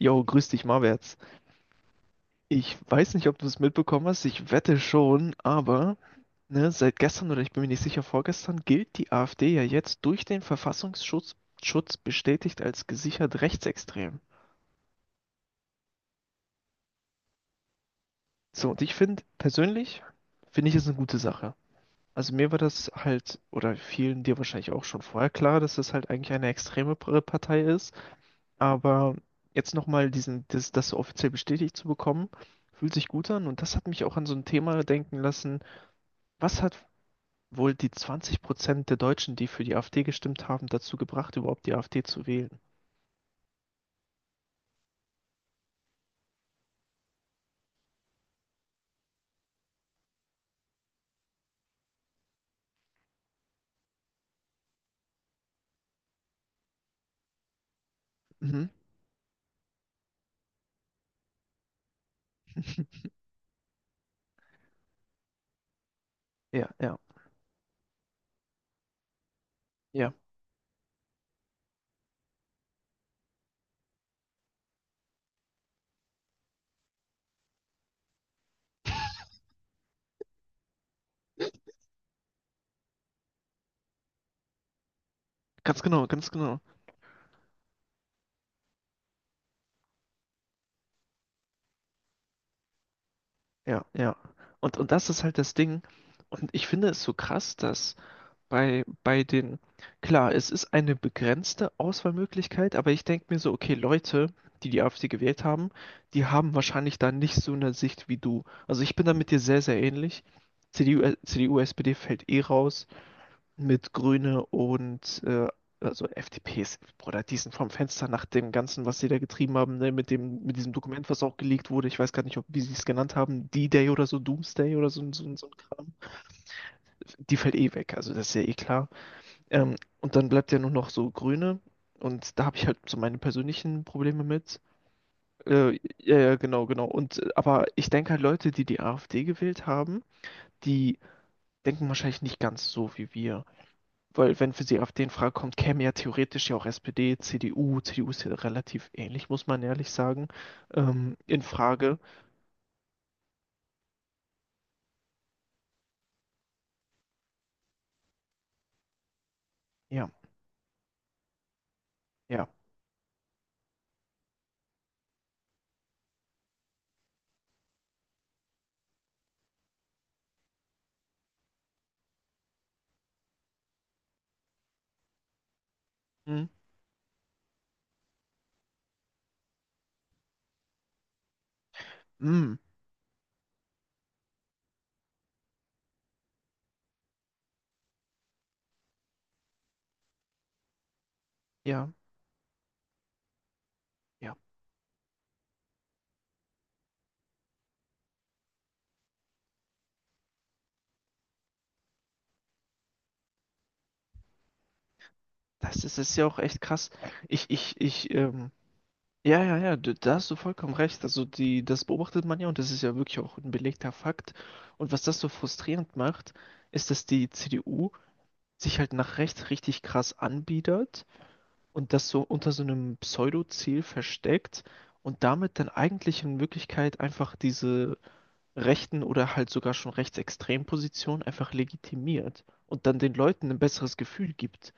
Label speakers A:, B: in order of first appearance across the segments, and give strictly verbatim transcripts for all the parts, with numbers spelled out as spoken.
A: Jo, grüß dich, Marwärts. Ich weiß nicht, ob du es mitbekommen hast, ich wette schon, aber ne, seit gestern oder ich bin mir nicht sicher, vorgestern gilt die AfD ja jetzt durch den Verfassungsschutz Schutz bestätigt als gesichert rechtsextrem. So, und ich finde, persönlich finde ich es eine gute Sache. Also mir war das halt, oder vielen dir wahrscheinlich auch schon vorher klar, dass das halt eigentlich eine extreme P- Partei ist, aber jetzt nochmal diesen, das, das so offiziell bestätigt zu bekommen, fühlt sich gut an und das hat mich auch an so ein Thema denken lassen. Was hat wohl die zwanzig der Deutschen, die für die AfD gestimmt haben, dazu gebracht, überhaupt die AfD zu wählen? Mhm. Ja, ja, ja. Ganz genau, ganz genau. Ja, ja. Und, und das ist halt das Ding. Und ich finde es so krass, dass bei, bei den, klar, es ist eine begrenzte Auswahlmöglichkeit, aber ich denke mir so, okay, Leute, die die AfD gewählt haben, die haben wahrscheinlich da nicht so eine Sicht wie du. Also ich bin da mit dir sehr, sehr ähnlich. C D U, äh, C D U, S P D fällt eh raus. Mit Grüne und äh, also F D P ist, Bruder, die sind vom Fenster nach dem Ganzen, was sie da getrieben haben, ne, mit dem, mit diesem Dokument, was auch geleakt wurde. Ich weiß gar nicht, ob, wie sie es genannt haben, D-Day oder so, Doomsday oder so, ein- so, ein- so ein Kram. Die fällt eh weg, also das ist ja eh klar. Ähm, und dann bleibt ja nur noch so Grüne und da habe ich halt so meine persönlichen Probleme mit. Äh, ja, ja, genau, genau. Und äh, aber ich denke halt, Leute, die die AfD gewählt haben, die denken wahrscheinlich nicht ganz so wie wir. Weil wenn für sie AfD in Frage kommt, käme ja theoretisch ja auch S P D, C D U, C D U ist ja relativ ähnlich, muss man ehrlich sagen, ähm, in Frage. Ja, ja. Hm, hm, ja, ja. Das ist, ist ja auch echt krass. Ich, ich, ich, ähm, ja, ja, ja, d- da hast du vollkommen recht. Also die, das beobachtet man ja und das ist ja wirklich auch ein belegter Fakt. Und was das so frustrierend macht, ist, dass die C D U sich halt nach rechts richtig krass anbietet und das so unter so einem Pseudo-Ziel versteckt und damit dann eigentlich in Wirklichkeit einfach diese rechten oder halt sogar schon rechtsextremen Positionen einfach legitimiert und dann den Leuten ein besseres Gefühl gibt.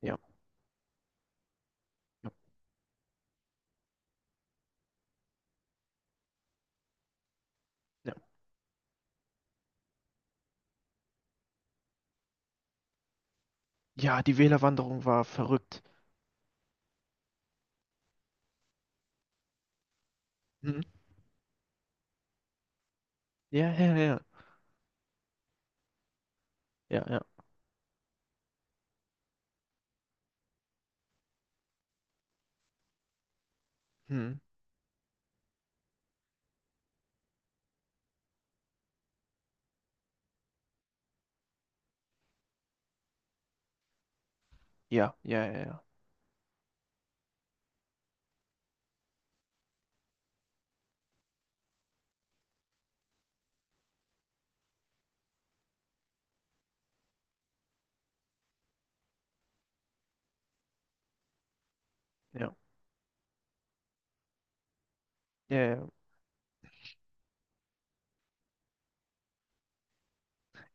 A: Ja, ja, ja. Ja, die Wählerwanderung war verrückt. Hm? Ja, ja, ja, ja, ja. Hm. Ja, ja, ja, ja, ja, ja, ja.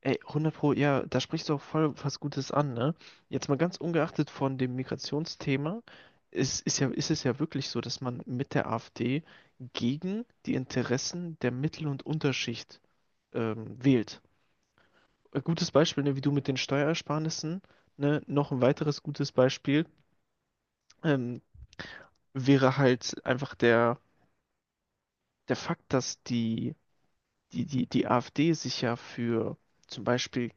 A: Ey, hundert Pro, ja, da sprichst du auch voll was Gutes an, ne? Jetzt mal ganz ungeachtet von dem Migrationsthema, ist, ist ja, ist es ja wirklich so, dass man mit der AfD gegen die Interessen der Mittel- und Unterschicht ähm, wählt. Ein gutes Beispiel, ne, wie du mit den Steuerersparnissen, ne? Noch ein weiteres gutes Beispiel ähm, wäre halt einfach der, der Fakt, dass die, die, die, die AfD sich ja für zum Beispiel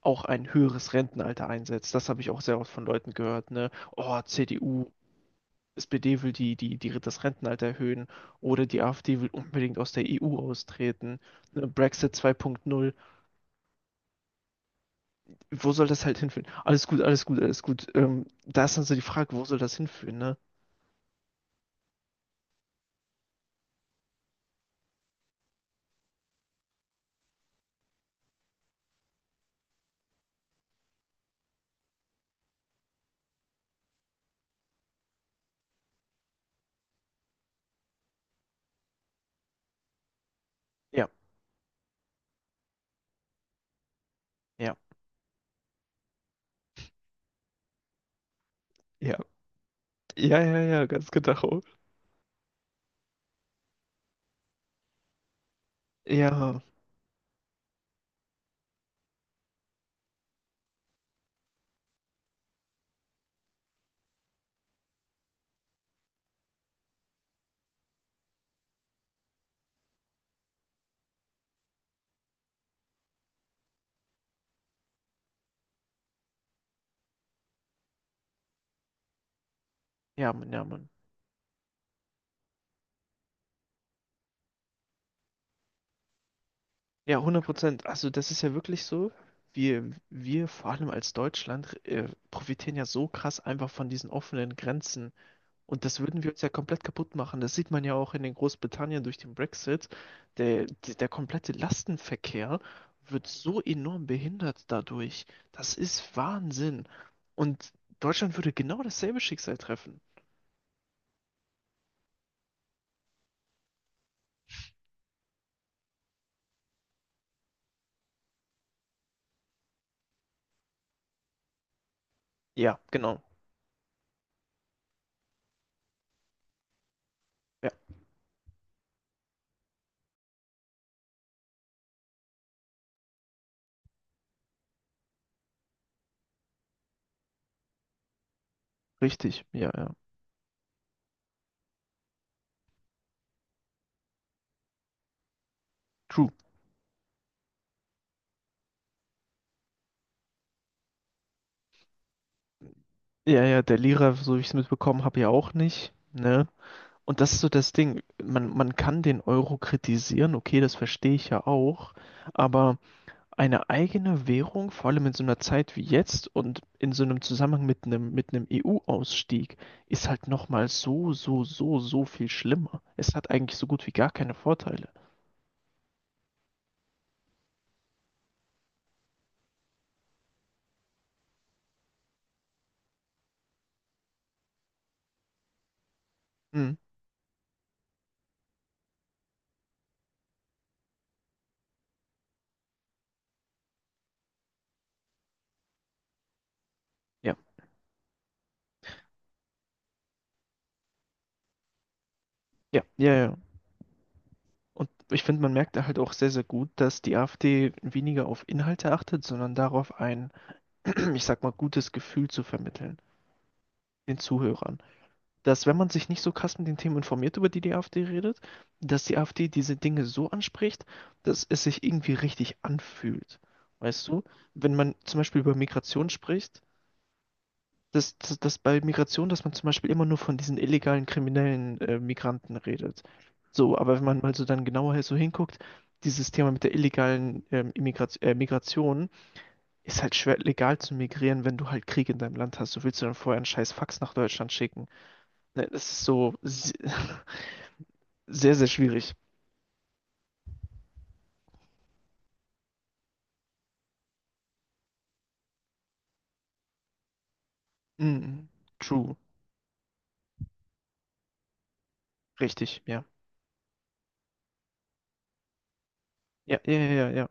A: auch ein höheres Rentenalter einsetzt. Das habe ich auch sehr oft von Leuten gehört, ne? Oh, C D U, S P D will die, die, die, das Rentenalter erhöhen oder die AfD will unbedingt aus der E U austreten. Ne? Brexit zwei punkt null. Wo soll das halt hinführen? Alles gut, alles gut, alles gut. Ähm, da ist dann so die Frage, wo soll das hinführen, ne? Ja, ja, ja. Ja, ja, ja, ganz genau. Ja, ja, Mann, ja, Mann. Ja, hundert Prozent. Also das ist ja wirklich so. Wir, wir vor allem als Deutschland äh, profitieren ja so krass einfach von diesen offenen Grenzen. Und das würden wir uns ja komplett kaputt machen. Das sieht man ja auch in den Großbritannien durch den Brexit. Der, der, der komplette Lastenverkehr wird so enorm behindert dadurch. Das ist Wahnsinn. Und Deutschland würde genau dasselbe Schicksal treffen. Ja, genau. Ja, richtig. Ja, ja. True. Ja, ja, der Lira, so wie ich es mitbekommen habe, ja auch nicht. Ne? Und das ist so das Ding. Man, man kann den Euro kritisieren, okay, das verstehe ich ja auch, aber eine eigene Währung, vor allem in so einer Zeit wie jetzt und in so einem Zusammenhang mit einem, mit einem E U-Ausstieg, ist halt nochmal so, so, so, so viel schlimmer. Es hat eigentlich so gut wie gar keine Vorteile. Hm, ja, ja, ja, ja. Und ich finde, man merkt da halt auch sehr, sehr gut, dass die AfD weniger auf Inhalte achtet, sondern darauf ein, ich sag mal, gutes Gefühl zu vermitteln, den Zuhörern. Dass wenn man sich nicht so krass mit den Themen informiert, über die die AfD redet, dass die AfD diese Dinge so anspricht, dass es sich irgendwie richtig anfühlt. Weißt du, wenn man zum Beispiel über Migration spricht, dass, dass, dass bei Migration, dass man zum Beispiel immer nur von diesen illegalen kriminellen äh, Migranten redet. So, aber wenn man mal so dann genauer so hinguckt, dieses Thema mit der illegalen ähm, Immigrat- äh, Migration ist halt schwer legal zu migrieren, wenn du halt Krieg in deinem Land hast. Du willst du dann vorher einen scheiß Fax nach Deutschland schicken. Ne, das ist so. Sehr, sehr schwierig. Mhm. True. Richtig, ja. Ja, ja, ja, ja, ja.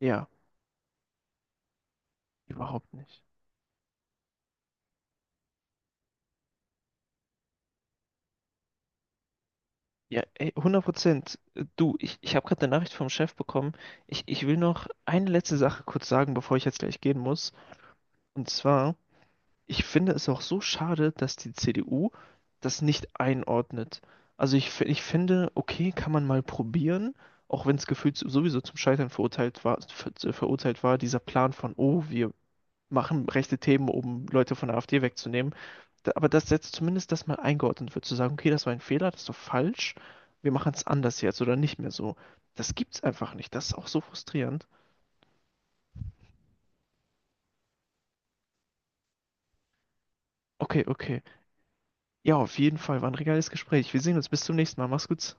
A: Ja, überhaupt nicht. Ja, ey, hundert Prozent. Du, ich, ich habe gerade eine Nachricht vom Chef bekommen. Ich, ich will noch eine letzte Sache kurz sagen, bevor ich jetzt gleich gehen muss. Und zwar, ich finde es auch so schade, dass die C D U das nicht einordnet. Also ich, fi- ich finde, okay, kann man mal probieren, auch wenn es gefühlt sowieso zum Scheitern verurteilt war, ver, verurteilt war, dieser Plan von, oh, wir machen rechte Themen, um Leute von der AfD wegzunehmen. Da, aber das setzt zumindest das mal eingeordnet wird, zu sagen, okay, das war ein Fehler, das ist doch falsch, wir machen es anders jetzt oder nicht mehr so. Das gibt's einfach nicht. Das ist auch so frustrierend. Okay, okay. Ja, auf jeden Fall war ein regales Gespräch. Wir sehen uns. Bis zum nächsten Mal. Mach's gut.